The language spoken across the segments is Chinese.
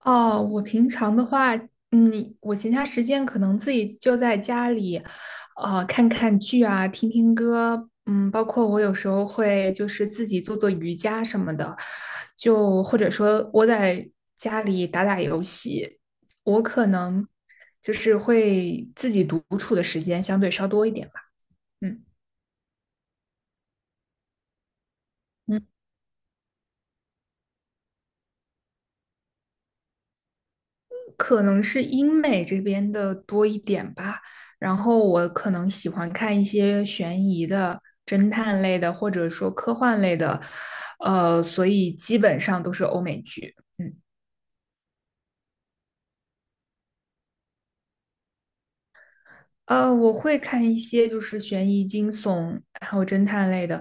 哦，我平常的话，我闲暇时间可能自己就在家里，看看剧啊，听听歌，包括我有时候会就是自己做做瑜伽什么的，就或者说窝在家里打打游戏，我可能就是会自己独处的时间相对稍多一点吧，嗯嗯。可能是英美这边的多一点吧。然后我可能喜欢看一些悬疑的、侦探类的，或者说科幻类的，所以基本上都是欧美剧。嗯。我会看一些就是悬疑、惊悚，还有侦探类的，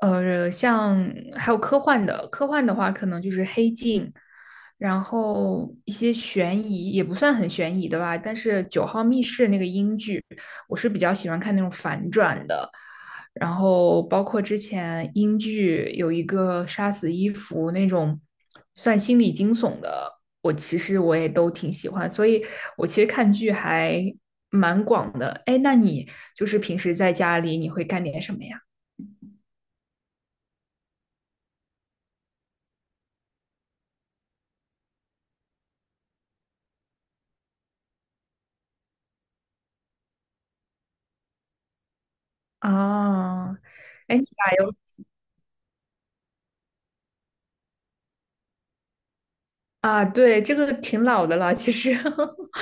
像还有科幻的。科幻的话，可能就是《黑镜》，然后一些悬疑也不算很悬疑的吧。但是《九号密室》那个英剧，我是比较喜欢看那种反转的。然后包括之前英剧有一个《杀死伊芙》那种算心理惊悚的，我其实我也都挺喜欢，所以我其实看剧还蛮广的。哎，那你就是平时在家里你会干点什么呀？啊，哎，你打游啊？对，这个挺老的了，其实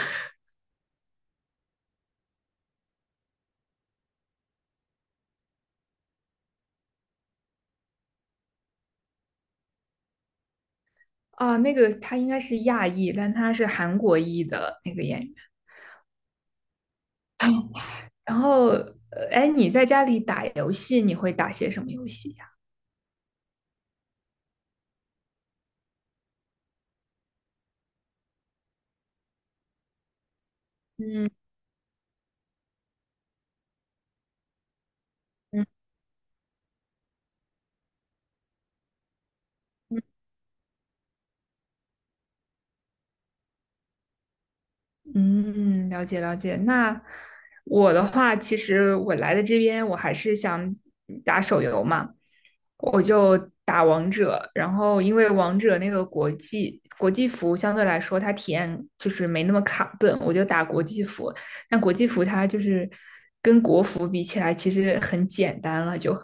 啊，那个他应该是亚裔，但他是韩国裔的那个演员。然后，哎，你在家里打游戏，你会打些什么游戏呀？嗯嗯嗯嗯，了解了解。那我的话，其实我来的这边，我还是想打手游嘛，我就打王者。然后因为王者那个国际服相对来说，它体验就是没那么卡顿，我就打国际服。但国际服它就是跟国服比起来，其实很简单了就。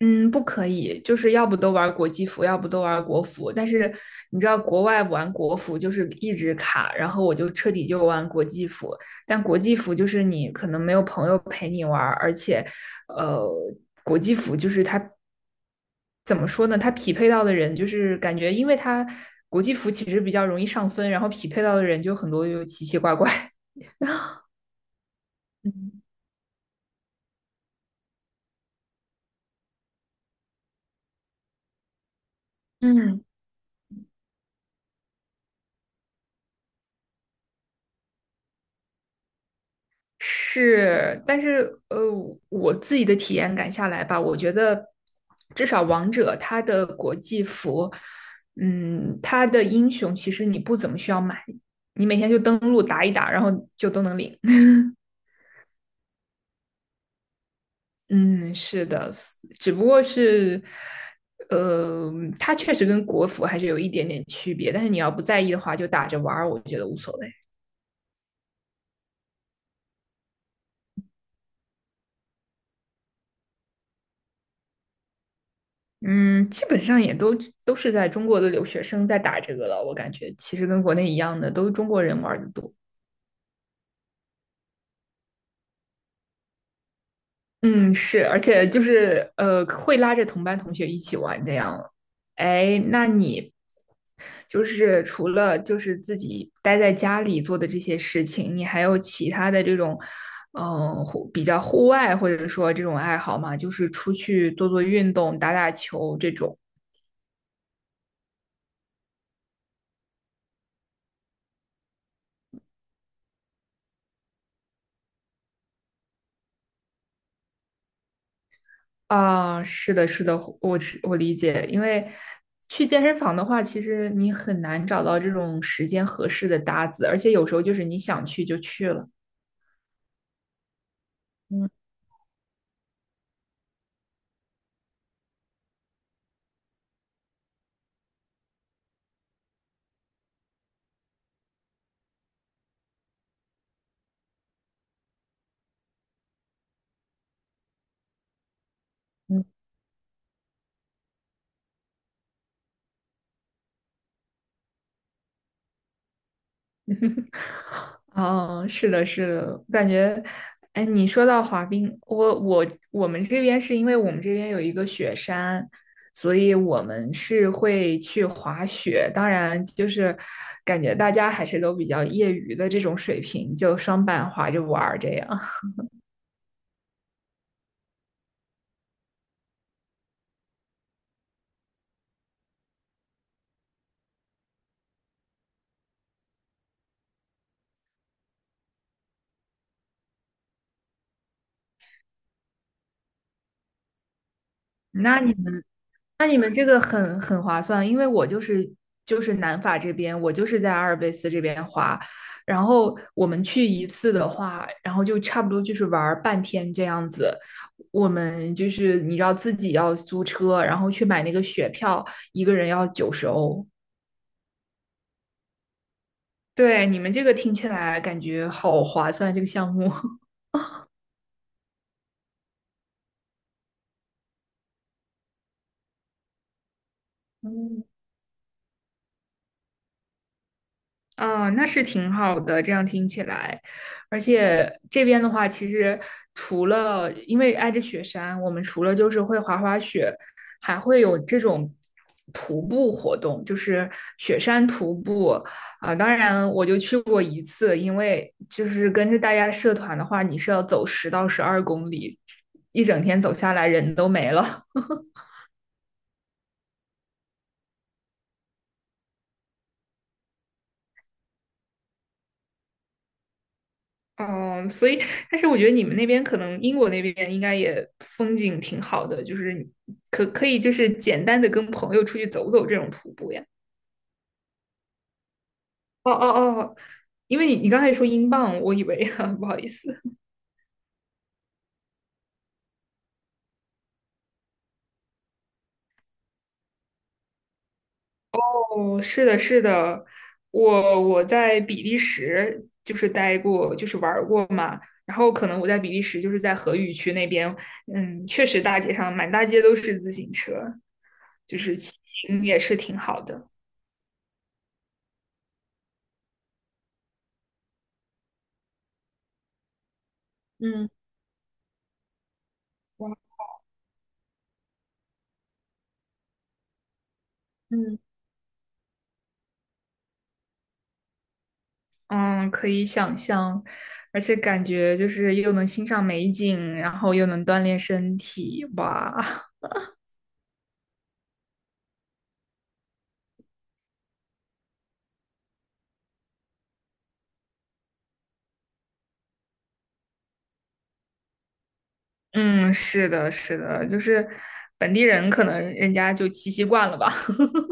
嗯，不可以，就是要不都玩国际服，要不都玩国服。但是你知道，国外玩国服就是一直卡，然后我就彻底就玩国际服。但国际服就是你可能没有朋友陪你玩儿而且，呃，国际服就是它怎么说呢？它匹配到的人就是感觉，因为它国际服其实比较容易上分，然后匹配到的人就很多就奇奇怪怪。嗯嗯，是，但是我自己的体验感下来吧，我觉得至少王者它的国际服，它的英雄其实你不怎么需要买，你每天就登录打一打，然后就都能领。嗯，是的，只不过是，呃，它确实跟国服还是有一点点区别，但是你要不在意的话，就打着玩儿，我觉得无所谓。嗯，基本上也都是在中国的留学生在打这个了，我感觉其实跟国内一样的，都是中国人玩的多。嗯，是，而且就是会拉着同班同学一起玩这样。哎，那你就是除了就是自己待在家里做的这些事情，你还有其他的这种比较户外或者说这种爱好吗？就是出去做做运动、打打球这种。啊，是的，是的，我理解，因为去健身房的话，其实你很难找到这种时间合适的搭子，而且有时候就是你想去就去了。嗯嗯，哦，是的，是的，我感觉，哎，你说到滑冰，我们这边是因为我们这边有一个雪山，所以我们是会去滑雪。当然，就是感觉大家还是都比较业余的这种水平，就双板滑着玩儿这样。那你们？那你们这个很划算，因为我就是南法这边，我就是在阿尔卑斯这边滑，然后我们去一次的话，然后就差不多就是玩儿半天这样子。我们就是你知道自己要租车，然后去买那个雪票，一个人要90欧。对，你们这个听起来感觉好划算，这个项目。啊，那是挺好的，这样听起来，而且这边的话，其实除了因为挨着雪山，我们除了就是会滑滑雪，还会有这种徒步活动，就是雪山徒步啊。当然，我就去过一次，因为就是跟着大家社团的话，你是要走10到12公里，一整天走下来人都没了。哦，所以，但是我觉得你们那边可能英国那边应该也风景挺好的，就是你可以就是简单的跟朋友出去走走这种徒步呀。哦哦哦，因为你刚才说英镑，我以为 不好意思。哦，是的，是的，我在比利时就是待过，就是玩儿过嘛。然后可能我在比利时就是在荷语区那边，确实大街上满大街都是自行车，就是骑行也是挺好的。嗯哇嗯。嗯，可以想象，而且感觉就是又能欣赏美景，然后又能锻炼身体，哇，嗯，是的，是的，就是本地人可能人家就骑习惯了吧。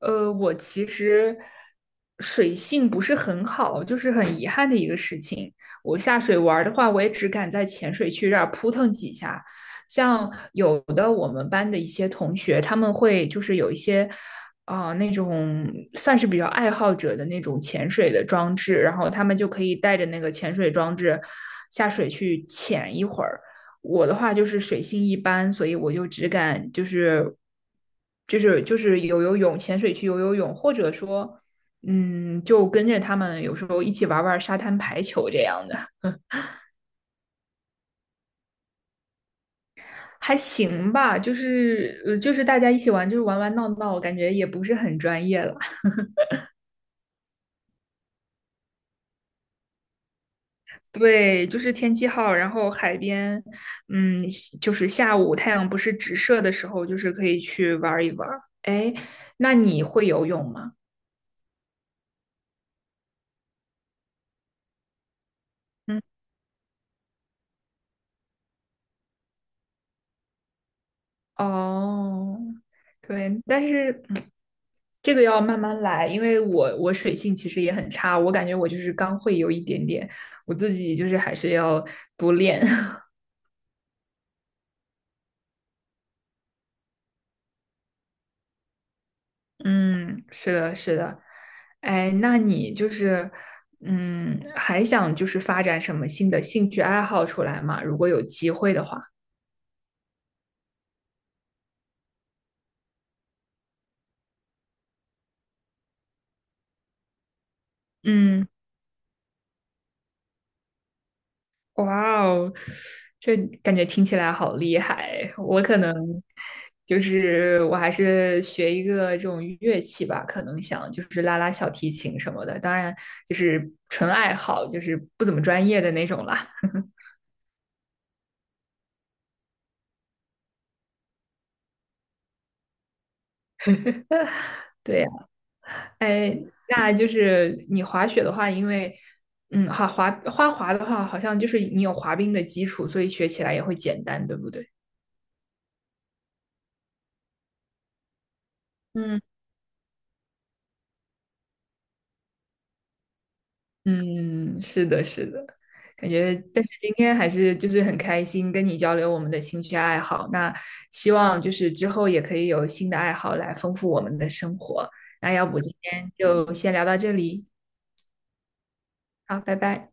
我其实水性不是很好，就是很遗憾的一个事情。我下水玩儿的话，我也只敢在浅水区这儿扑腾几下。像有的我们班的一些同学，他们会就是有一些，那种算是比较爱好者的那种潜水的装置，然后他们就可以带着那个潜水装置下水去潜一会儿。我的话就是水性一般，所以我就只敢就是游游泳、潜水去游游泳，或者说，就跟着他们有时候一起玩玩沙滩排球这样的，还行吧。就是大家一起玩，就是玩玩闹闹，感觉也不是很专业了。对，就是天气好，然后海边，嗯，就是下午太阳不是直射的时候，就是可以去玩一玩。哎，那你会游泳吗？嗯哦，对，但是这个要慢慢来，因为我水性其实也很差，我感觉我就是刚会有一点点，我自己就是还是要多练。嗯，是的，是的。哎，那你就是还想就是发展什么新的兴趣爱好出来吗？如果有机会的话。嗯。哇哦，这感觉听起来好厉害！我可能就是我还是学一个这种乐器吧，可能想就是拉拉小提琴什么的，当然就是纯爱好，就是不怎么专业的那种啦。对呀，哎，那就是你滑雪的话，因为好滑花滑的话，好像就是你有滑冰的基础，所以学起来也会简单，对不对？嗯。嗯，是的，是的，感觉，但是今天还是就是很开心跟你交流我们的兴趣爱好。那希望就是之后也可以有新的爱好来丰富我们的生活。那要不今天就先聊到这里，好，拜拜。